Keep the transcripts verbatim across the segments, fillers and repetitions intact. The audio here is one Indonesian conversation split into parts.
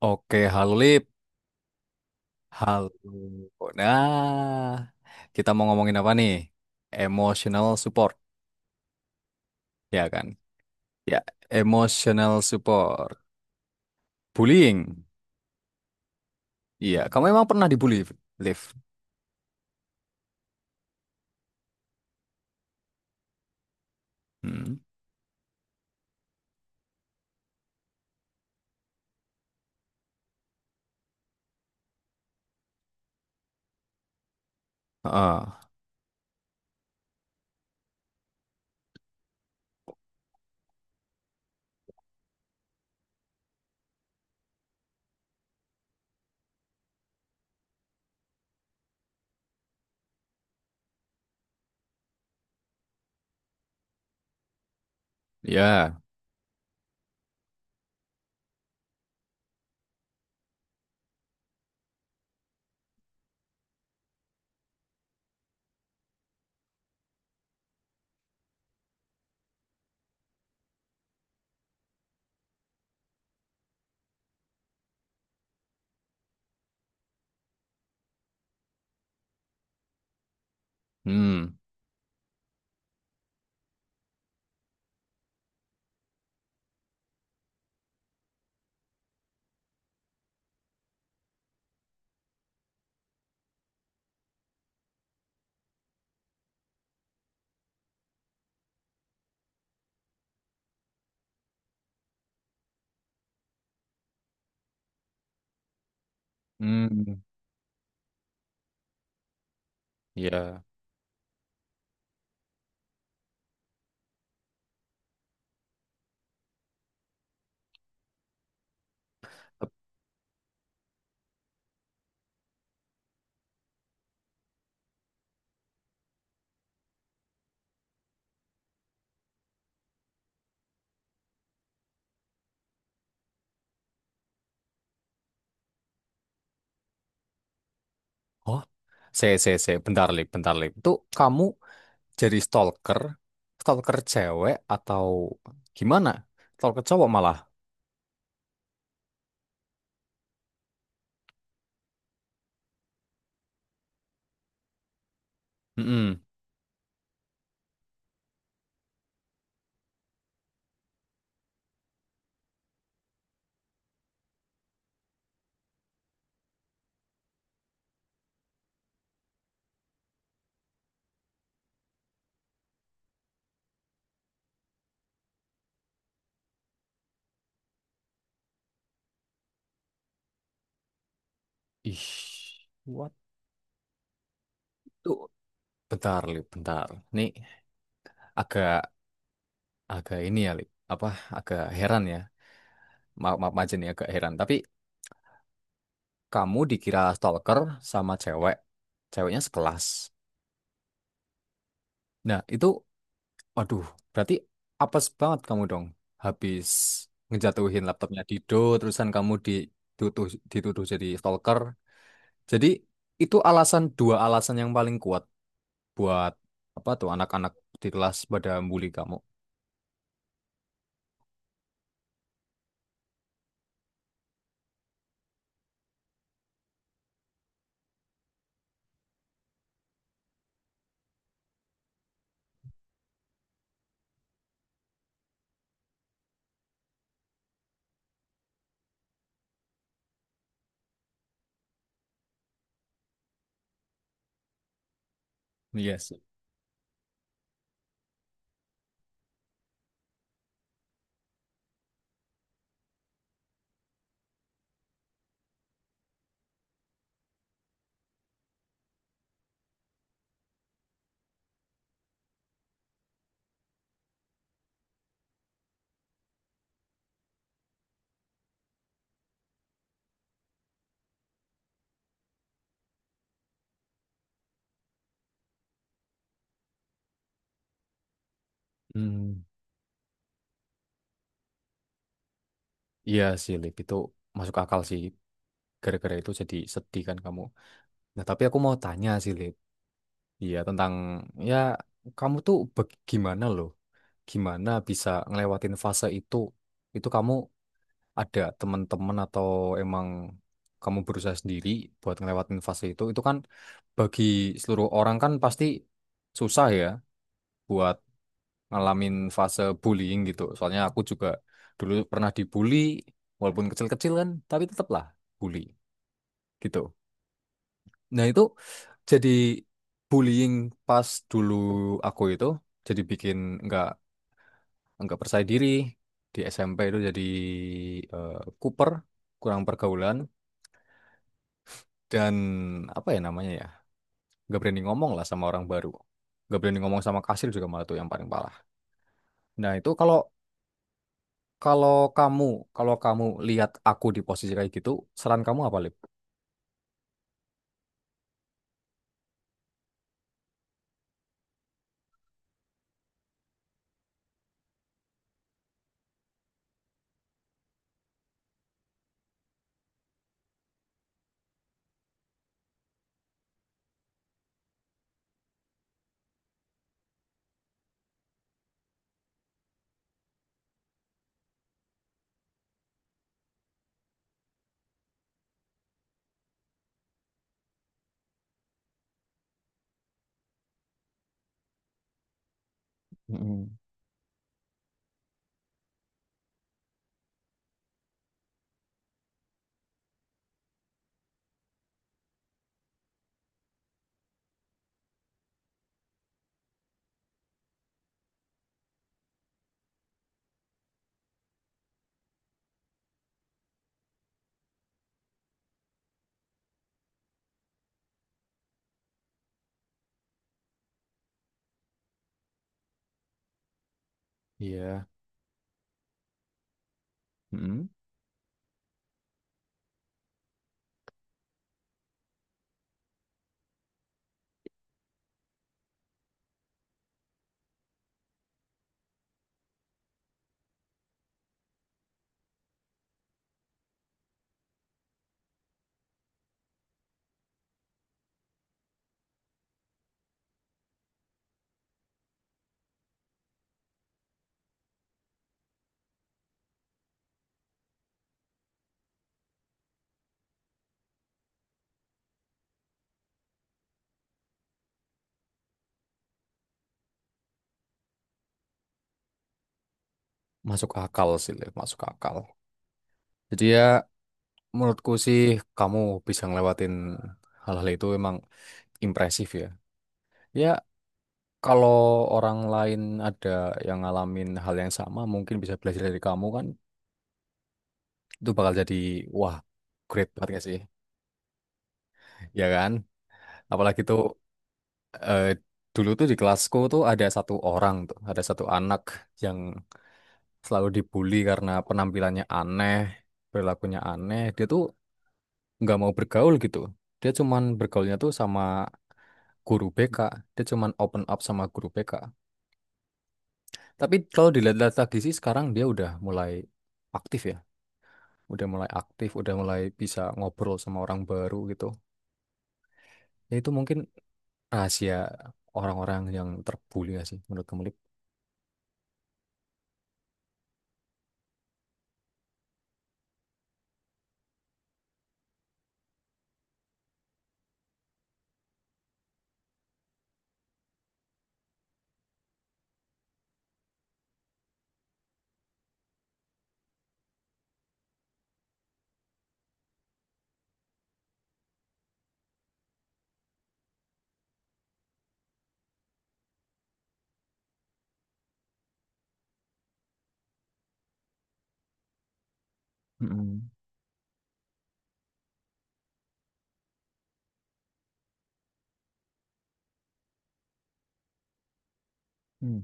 Oke, halo Lip. Halo. Nah, kita mau ngomongin apa nih? Emotional support, ya kan? Ya, emotional support. Bullying. Iya, kamu emang pernah dibully, Liv? Hmm. Ah, ya. Hmm. Hmm. Ya. Oh, saya, saya, saya. Bentar, Lip, bentar, Lip. Itu kamu jadi stalker? Stalker cewek atau gimana? Stalker cowok malah. Hmm. Ih, what? Bentar, Lip, bentar. Nih agak agak ini ya, Lip. Apa agak heran ya. Maaf, maaf aja nih agak heran. Tapi kamu dikira stalker sama cewek. Ceweknya sekelas. Nah, itu waduh, berarti apes banget kamu dong. Habis ngejatuhin laptopnya Dido, terusan kamu dituduh dituduh jadi stalker. Jadi itu alasan dua alasan yang paling kuat buat apa tuh anak-anak di kelas pada bully kamu. Iya sih. Hmm. Iya sih, Lip. Itu masuk akal sih. Gara-gara itu jadi sedih kan kamu. Nah, tapi aku mau tanya sih, Lip. Iya, tentang... Ya, kamu tuh bagaimana loh? Gimana bisa ngelewatin fase itu? Itu kamu ada teman-teman atau emang kamu berusaha sendiri buat ngelewatin fase itu? Itu kan bagi seluruh orang kan pasti susah ya buat ngalamin fase bullying gitu. Soalnya aku juga dulu pernah dibully, walaupun kecil-kecil kan, tapi tetaplah bully. Gitu. Nah itu jadi bullying pas dulu aku itu jadi bikin nggak nggak percaya diri di S M P itu jadi Cooper kuper kurang pergaulan dan apa ya namanya ya nggak berani ngomong lah sama orang baru nggak berani ngomong sama kasir juga malah tuh yang paling parah. Nah itu kalau kalau kamu kalau kamu lihat aku di posisi kayak gitu saran kamu apa Lip? Mm-mm. Iya, mm. Masuk akal sih, Lip. Masuk akal. Jadi ya, menurutku sih kamu bisa ngelewatin hal-hal itu emang impresif ya. Ya kalau orang lain ada yang ngalamin hal yang sama mungkin bisa belajar dari kamu kan itu bakal jadi wah great banget gak sih? Ya kan? Apalagi tuh eh, dulu tuh di kelasku tuh ada satu orang tuh ada satu anak yang selalu dibully karena penampilannya aneh, perilakunya aneh. Dia tuh nggak mau bergaul gitu. Dia cuman bergaulnya tuh sama guru B K, dia cuman open up sama guru B K, tapi kalau dilihat-lihat lagi sih sekarang dia udah mulai aktif ya, udah mulai aktif, udah mulai bisa ngobrol sama orang baru gitu, ya itu mungkin rahasia orang-orang yang terbuli gak sih menurut kamu Lip? Mm-mm. Hmm.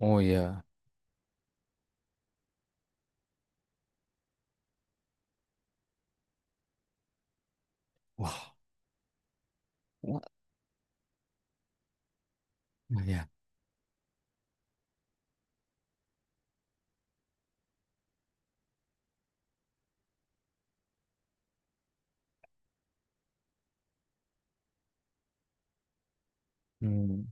Oh iya. Wah, what. Nah, ya. Hmm.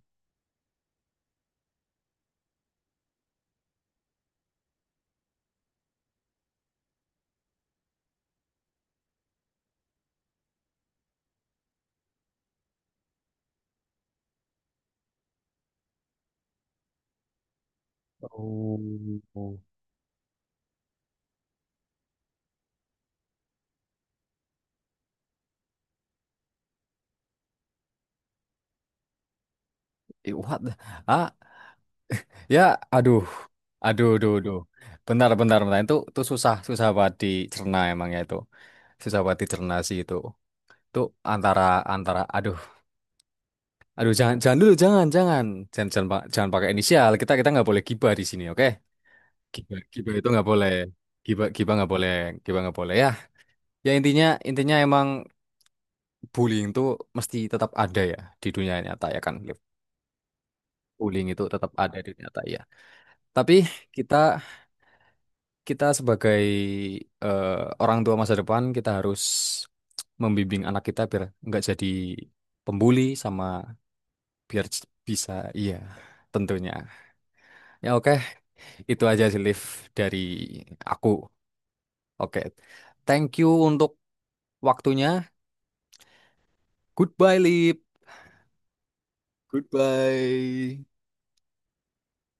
Oh oh. Eh, what the- ah, ya, aduh aduh aduh aduh, bentar bentar bentar, itu itu susah susah banget dicerna emang ya itu, susah banget dicerna sih itu. Itu antara antara aduh aduh jangan jangan dulu jangan jangan jangan jangan, pa- jangan pakai inisial, kita kita nggak boleh gibah di sini oke. Gibah gibah itu nggak boleh, gibah gibah nggak boleh, gibah nggak boleh ya. Ya intinya intinya emang bullying itu mesti tetap ada ya di dunia nyata ya kan Liv? Bullying itu tetap ada di dunia nyata ya, tapi kita, kita sebagai eh, orang tua masa depan kita harus membimbing anak kita biar nggak jadi pembuli, sama biar bisa, iya, tentunya. Ya oke, itu aja sih Liv dari aku. Oke. Thank you untuk waktunya. Goodbye, Liv. Goodbye.